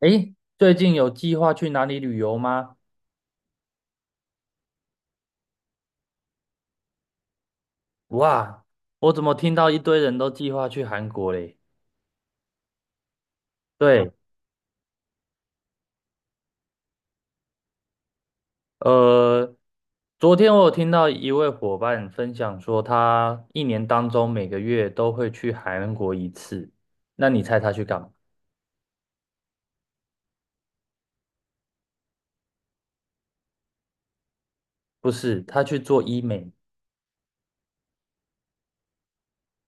诶，最近有计划去哪里旅游吗？哇，我怎么听到一堆人都计划去韩国嘞？对，呃，昨天我有听到一位伙伴分享说，他一年当中每个月都会去韩国一次。那你猜他去干嘛？不是，他去做医美。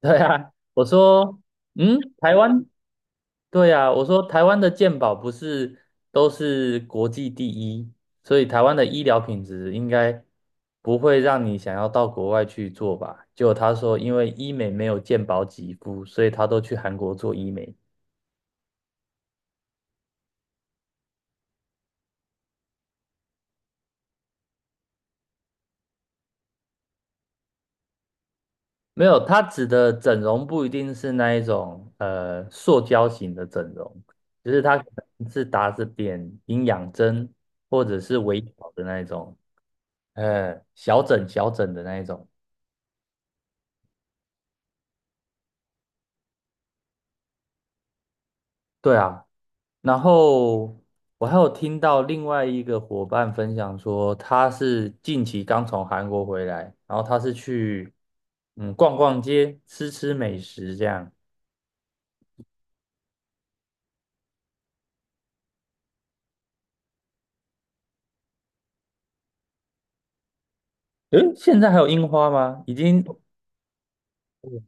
对啊，我说，台湾对呀，我说台湾的健保不是都是国际第一，所以台湾的医疗品质应该不会让你想要到国外去做吧？结果他说，因为医美没有健保给付，所以他都去韩国做医美。没有，他指的整容不一定是那一种塑胶型的整容，只是他可能是打着点营养针或者是微调的那一种，小整小整的那一种。对啊，然后我还有听到另外一个伙伴分享说，他是近期刚从韩国回来，然后他是去逛逛街、吃吃美食这样。诶，现在还有樱花吗？已经，嗯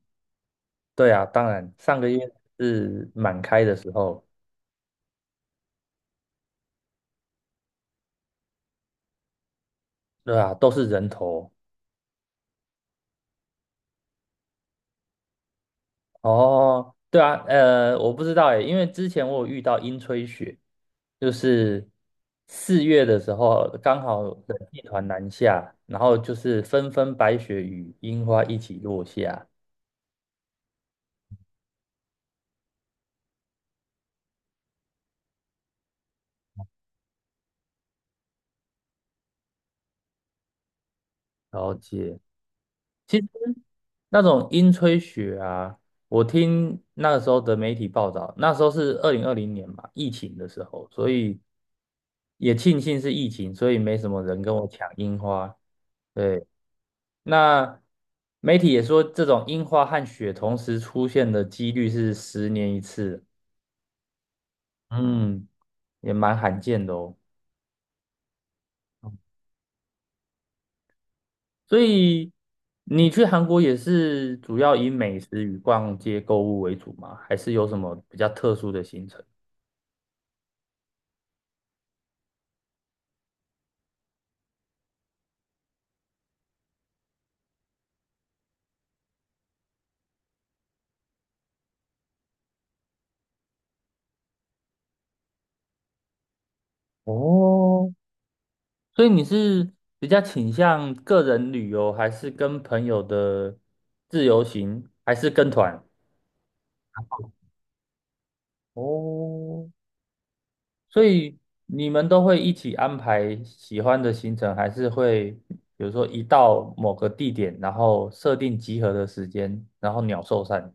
对啊，当然，上个月是满开的时候，对啊，都是人头。哦，对啊，我不知道诶，因为之前我有遇到樱吹雪。就是4月的时候，刚好冷气团南下，然后就是纷纷白雪与樱花一起落下。了解。其实那种樱吹雪啊，我听那个时候的媒体报道，那时候是2020年嘛，疫情的时候，所以也庆幸是疫情，所以没什么人跟我抢樱花。对，那媒体也说，这种樱花和雪同时出现的几率是10年一次。嗯，也蛮罕见的哦。所以你去韩国也是主要以美食与逛街购物为主吗？还是有什么比较特殊的行程？哦，所以你是比较倾向个人旅游，还是跟朋友的自由行，还是跟团？哦，所以你们都会一起安排喜欢的行程，还是会比如说一到某个地点，然后设定集合的时间，然后鸟兽散？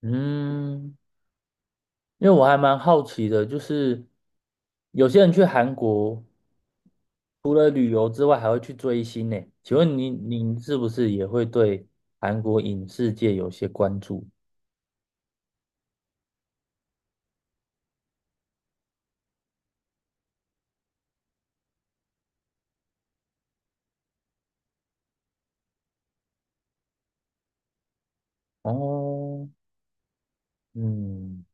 嗯，因为我还蛮好奇的，就是有些人去韩国除了旅游之外，还会去追星呢。请问您是不是也会对韩国影视界有些关注？哦，嗯，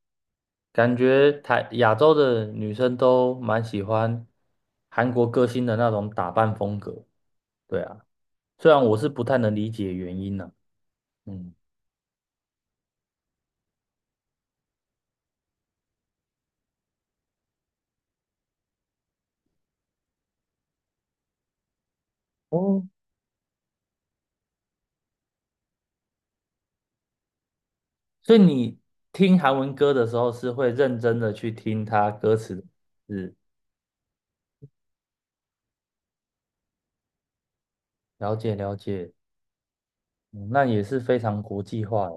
感觉台亚洲的女生都蛮喜欢韩国歌星的那种打扮风格。对啊，虽然我是不太能理解原因呢、嗯，哦，所以你听韩文歌的时候是会认真的去听他歌词的是了解了解，嗯那也是非常国际化。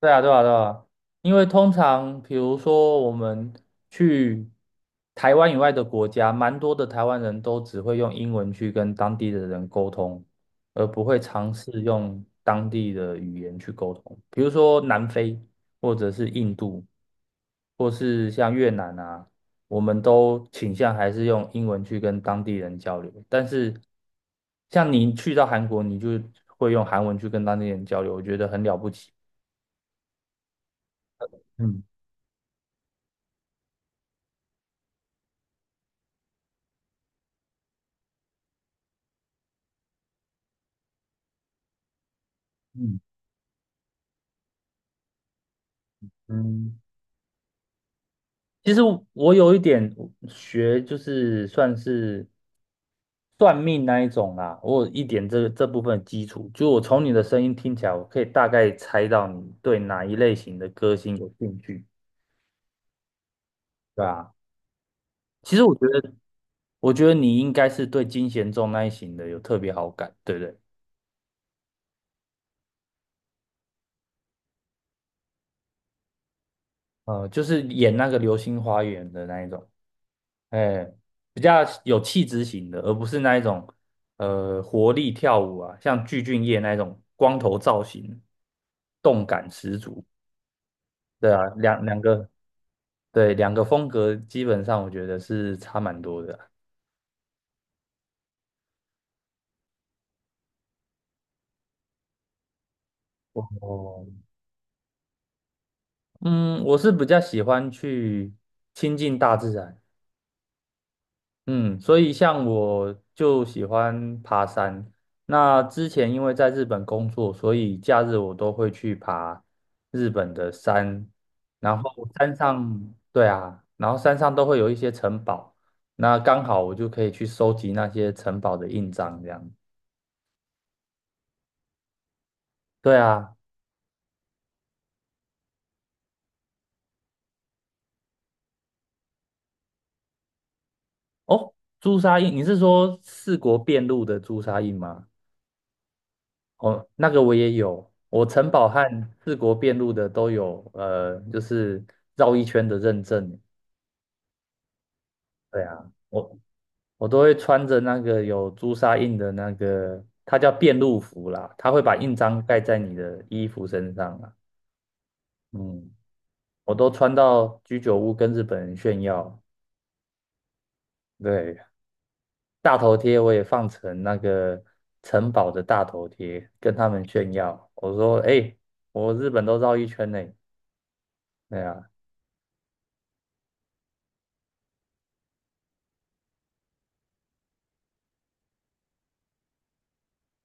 对啊，对啊，对啊，因为通常比如说我们去台湾以外的国家，蛮多的台湾人都只会用英文去跟当地的人沟通，而不会尝试用当地的语言去沟通。比如说南非，或者是印度，或是像越南啊，我们都倾向还是用英文去跟当地人交流。但是像你去到韩国，你就会用韩文去跟当地人交流，我觉得很了不起。嗯。嗯嗯，其实我有一点学，就是算是算命那一种啦，我有一点这个这部分的基础，就我从你的声音听起来，我可以大概猜到你对哪一类型的歌星有兴趣，对啊，其实我觉得，我觉得你应该是对金贤重那一型的有特别好感，对不对？呃，就是演那个《流星花园》的那一种，哎，比较有气质型的，而不是那一种活力跳舞啊，像具俊晔那一种光头造型，动感十足。对啊，两两个对两个风格基本上我觉得是差蛮多的啊。哦，嗯，我是比较喜欢去亲近大自然。嗯，所以像我就喜欢爬山。那之前因为在日本工作，所以假日我都会去爬日本的山。然后山上，对啊，然后山上都会有一些城堡，那刚好我就可以去收集那些城堡的印章，这样。对啊，哦，朱砂印，你是说四国遍路的朱砂印吗？哦，那个我也有，我城堡和四国遍路的都有，就是绕一圈的认证。对啊，我都会穿着那个有朱砂印的那个，它叫遍路服啦，它会把印章盖在你的衣服身上啊。嗯，我都穿到居酒屋跟日本人炫耀。对，大头贴我也放成那个城堡的大头贴，跟他们炫耀。我说，哎、我日本都绕一圈呢、对啊，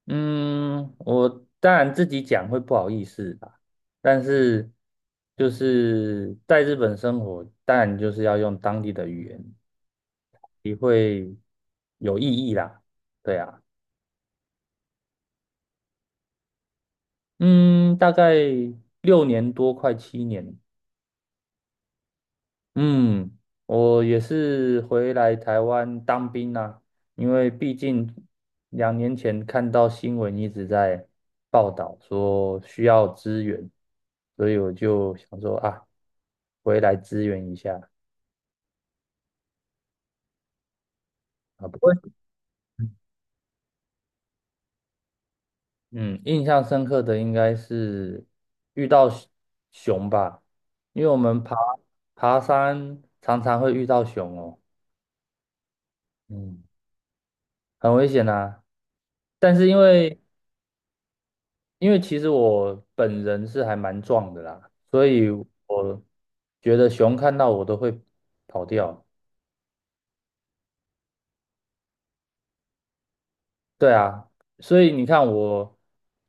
嗯，我当然自己讲会不好意思啦，但是就是在日本生活，当然就是要用当地的语言，也会有意义啦。对啊，嗯，大概6年多，快7年，嗯，我也是回来台湾当兵啦、因为毕竟2年前看到新闻一直在报道说需要支援，所以我就想说啊，回来支援一下啊。不过，嗯，印象深刻的应该是遇到熊吧，因为我们爬山常常会遇到熊哦，嗯，很危险啊。但是因为其实我本人是还蛮壮的啦，所以我觉得熊看到我都会跑掉。对啊，所以你看我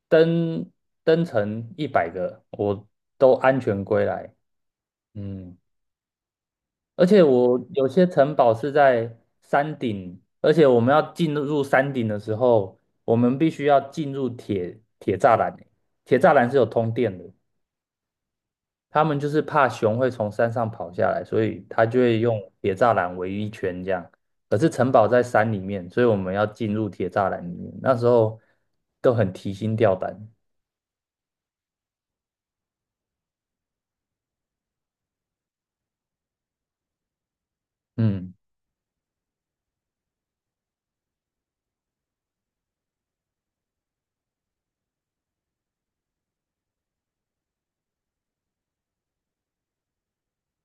登登城100个，我都安全归来。嗯，而且我有些城堡是在山顶，而且我们要进入山顶的时候，我们必须要进入铁栅栏是有通电的。他们就是怕熊会从山上跑下来，所以他就会用铁栅栏围一圈这样。可是城堡在山里面，所以我们要进入铁栅栏里面。那时候都很提心吊胆。嗯，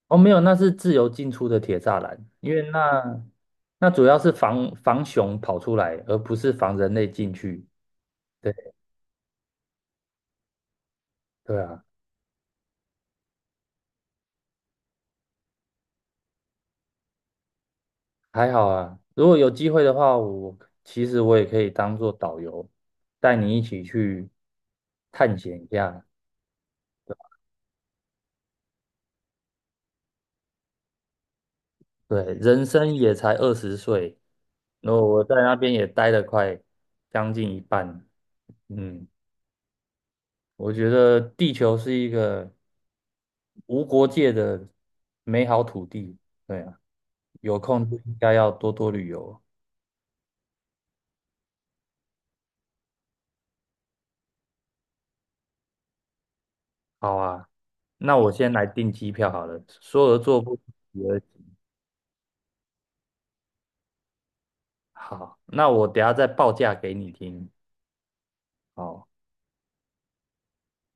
哦，没有，那是自由进出的铁栅栏，因为那那主要是防熊跑出来，而不是防人类进去。对对啊，还好啊。如果有机会的话，其实我也可以当做导游，带你一起去探险一下。对，人生也才20岁，然后我在那边也待了快将近一半。嗯，我觉得地球是一个无国界的美好土地。对啊，有空就应该要多多旅游。好啊，那我先来订机票好了。说而做不及而行好，那我等下再报价给你听。好。